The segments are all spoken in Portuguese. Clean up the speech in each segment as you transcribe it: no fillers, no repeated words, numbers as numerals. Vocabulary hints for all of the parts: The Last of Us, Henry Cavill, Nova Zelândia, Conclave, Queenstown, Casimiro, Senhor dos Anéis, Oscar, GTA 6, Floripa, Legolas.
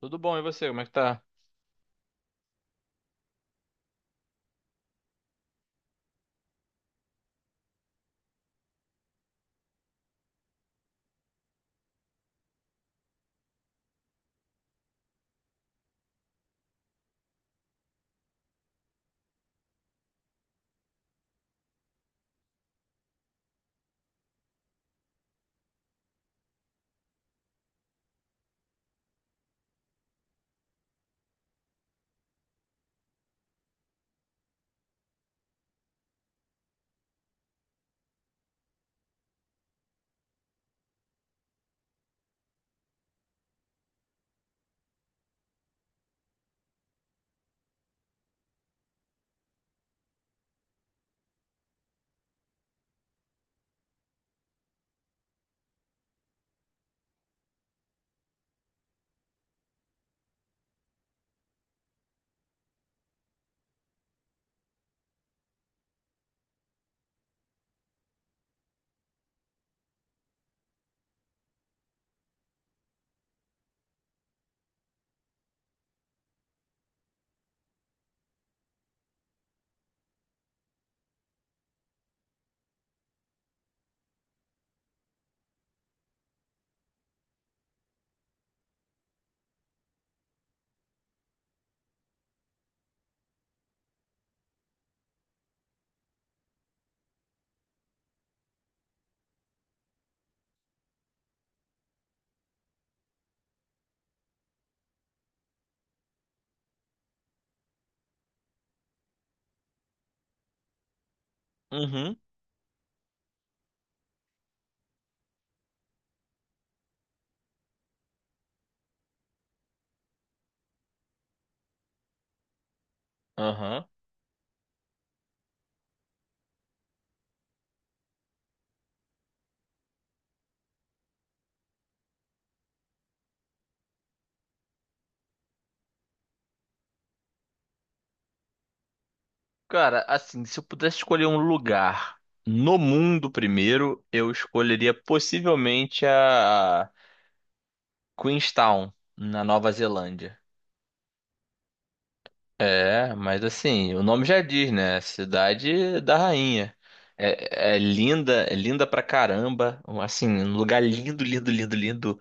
Tudo bom, e você? Como é que tá? Uhum, aham. Cara, assim, se eu pudesse escolher um lugar no mundo primeiro, eu escolheria possivelmente a Queenstown, na Nova Zelândia. É, mas assim, o nome já diz, né? Cidade da rainha. É, é linda pra caramba. Assim, um lugar lindo, lindo, lindo, lindo.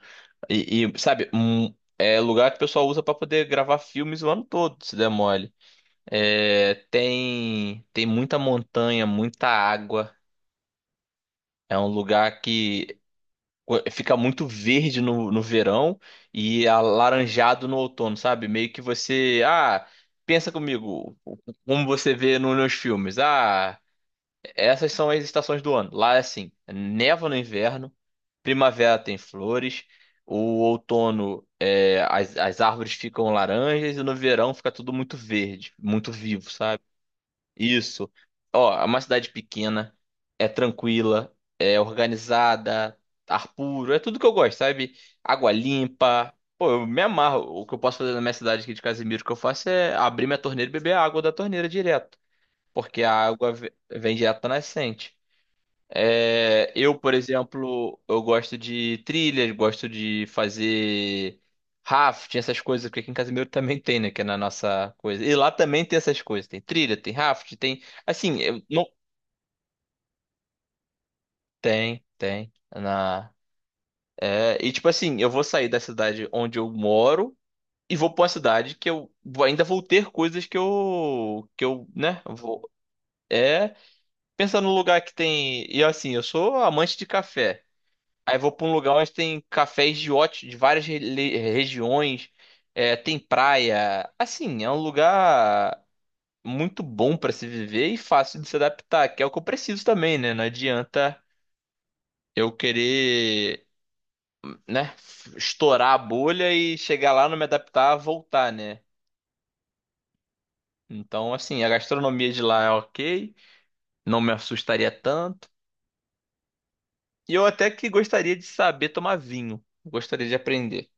E, e, sabe, um, é lugar que o pessoal usa pra poder gravar filmes o ano todo, se der mole. É, tem muita montanha, muita água. É um lugar que fica muito verde no verão e alaranjado no outono, sabe? Meio que você. Pensa comigo, como você vê nos filmes. Ah, essas são as estações do ano. Lá é assim: neva no inverno, primavera tem flores, o outono. É, as árvores ficam laranjas e no verão fica tudo muito verde, muito vivo, sabe? Isso. Ó, é uma cidade pequena, é tranquila, é organizada, ar puro, é tudo que eu gosto, sabe? Água limpa. Pô, eu me amarro. O que eu posso fazer na minha cidade aqui de Casimiro, que eu faço é abrir minha torneira e beber a água da torneira direto, porque a água vem direto da nascente. É, eu, por exemplo, eu gosto de trilhas, gosto de fazer rafting, essas coisas, porque aqui em Casimiro também tem, né? Que é na nossa coisa. E lá também tem essas coisas. Tem trilha, tem rafting, tem. Assim, eu não. Tem, tem. Na... É, e tipo assim, eu vou sair da cidade onde eu moro e vou pra uma cidade que ainda vou ter coisas que eu. Que eu, né? Vou. É. Pensar no lugar que tem. E assim, eu sou amante de café. Aí vou pra um lugar onde tem cafés de de várias regiões, é, tem praia. Assim, é um lugar muito bom pra se viver e fácil de se adaptar, que é o que eu preciso também, né? Não adianta eu querer, né, estourar a bolha e chegar lá, não me adaptar, voltar, né? Então, assim, a gastronomia de lá é ok, não me assustaria tanto. E eu até que gostaria de saber tomar vinho, gostaria de aprender.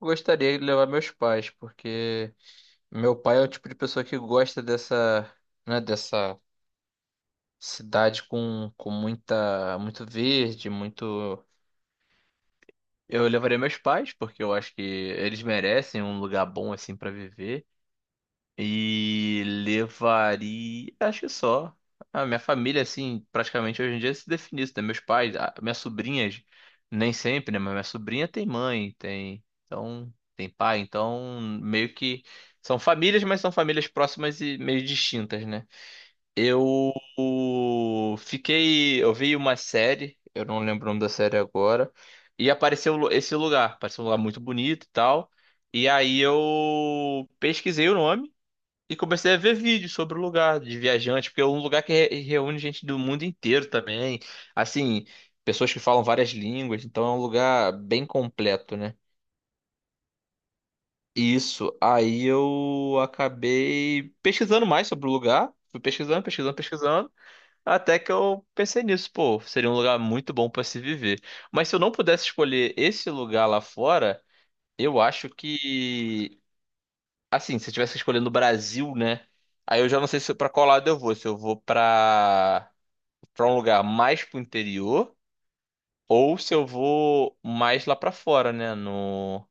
Gostaria de levar meus pais, porque meu pai é o tipo de pessoa que gosta dessa cidade com muita, muito verde, muito. Eu levaria meus pais, porque eu acho que eles merecem um lugar bom assim pra viver. E levaria, acho que só. A minha família, assim, praticamente hoje em dia se define isso, né? Meus pais, minhas sobrinhas, nem sempre, né? Mas minha sobrinha tem mãe, tem. Então, tem pai, então meio que. São famílias, mas são famílias próximas e meio distintas, né? Eu fiquei. Eu vi uma série, eu não lembro o nome da série agora, e apareceu esse lugar. Apareceu um lugar muito bonito e tal. E aí eu pesquisei o nome e comecei a ver vídeos sobre o lugar de viajante, porque é um lugar que reúne gente do mundo inteiro também. Assim, pessoas que falam várias línguas, então é um lugar bem completo, né? Isso, aí eu acabei pesquisando mais sobre o lugar. Fui pesquisando, pesquisando, pesquisando. Até que eu pensei nisso, pô, seria um lugar muito bom pra se viver. Mas se eu não pudesse escolher esse lugar lá fora, eu acho que, assim, se eu tivesse escolhendo o Brasil, né? Aí eu já não sei se para qual lado eu vou, se eu vou pra para um lugar mais pro interior ou se eu vou mais lá pra fora, né, no.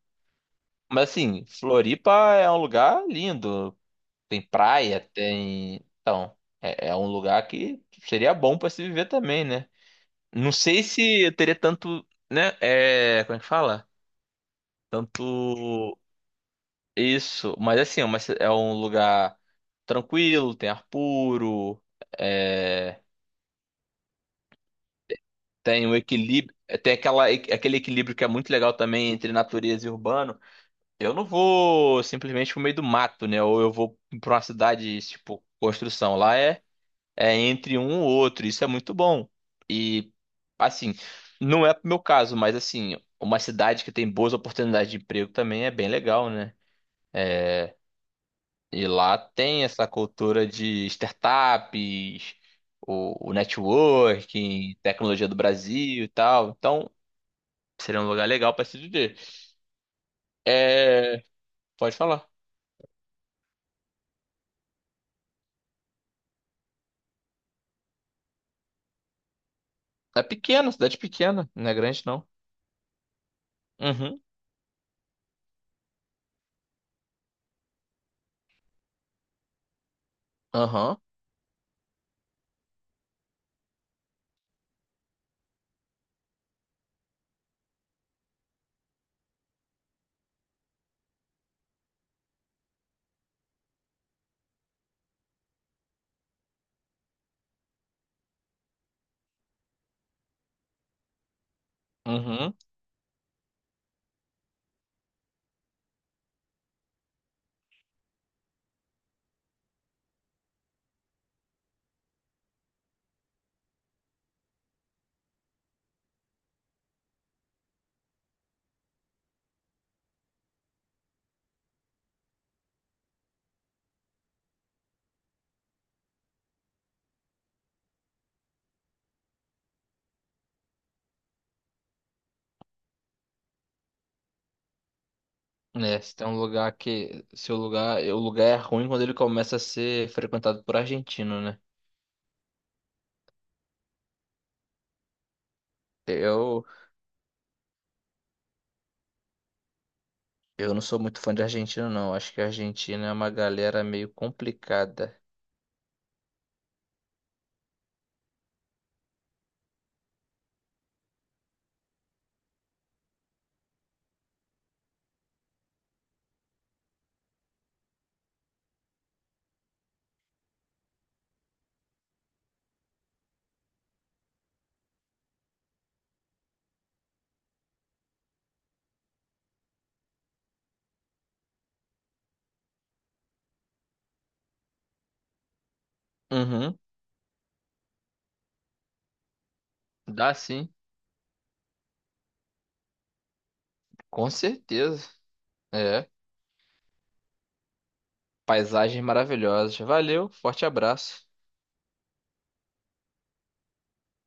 Mas assim, Floripa é um lugar lindo, tem praia, tem, então, é, é um lugar que seria bom pra se viver também, né? Não sei se eu teria tanto, né? É, como é que fala? Tanto isso, mas assim, é uma é um lugar tranquilo, tem ar puro, é, tem um equilíbrio, é, tem aquele equilíbrio que é muito legal também entre natureza e urbano. Eu não vou simplesmente pro meio do mato, né? Ou eu vou pra uma cidade, tipo, construção. Lá é, é, entre um ou outro. Isso é muito bom. E, assim, não é pro meu caso, mas, assim, uma cidade que tem boas oportunidades de emprego também é bem legal, né? E lá tem essa cultura de startups, o networking, tecnologia do Brasil e tal. Então, seria um lugar legal para se viver. É, pode falar. É pequena, cidade pequena, não é grande, não. Uhum, aham, uhum. É, se tem um lugar que. Se o lugar. O lugar é ruim quando ele começa a ser frequentado por argentino, né? Eu, eu não sou muito fã de argentino, não. Acho que a Argentina é uma galera meio complicada. Uhum, dá sim, com certeza. É, paisagens maravilhosas. Valeu, forte abraço.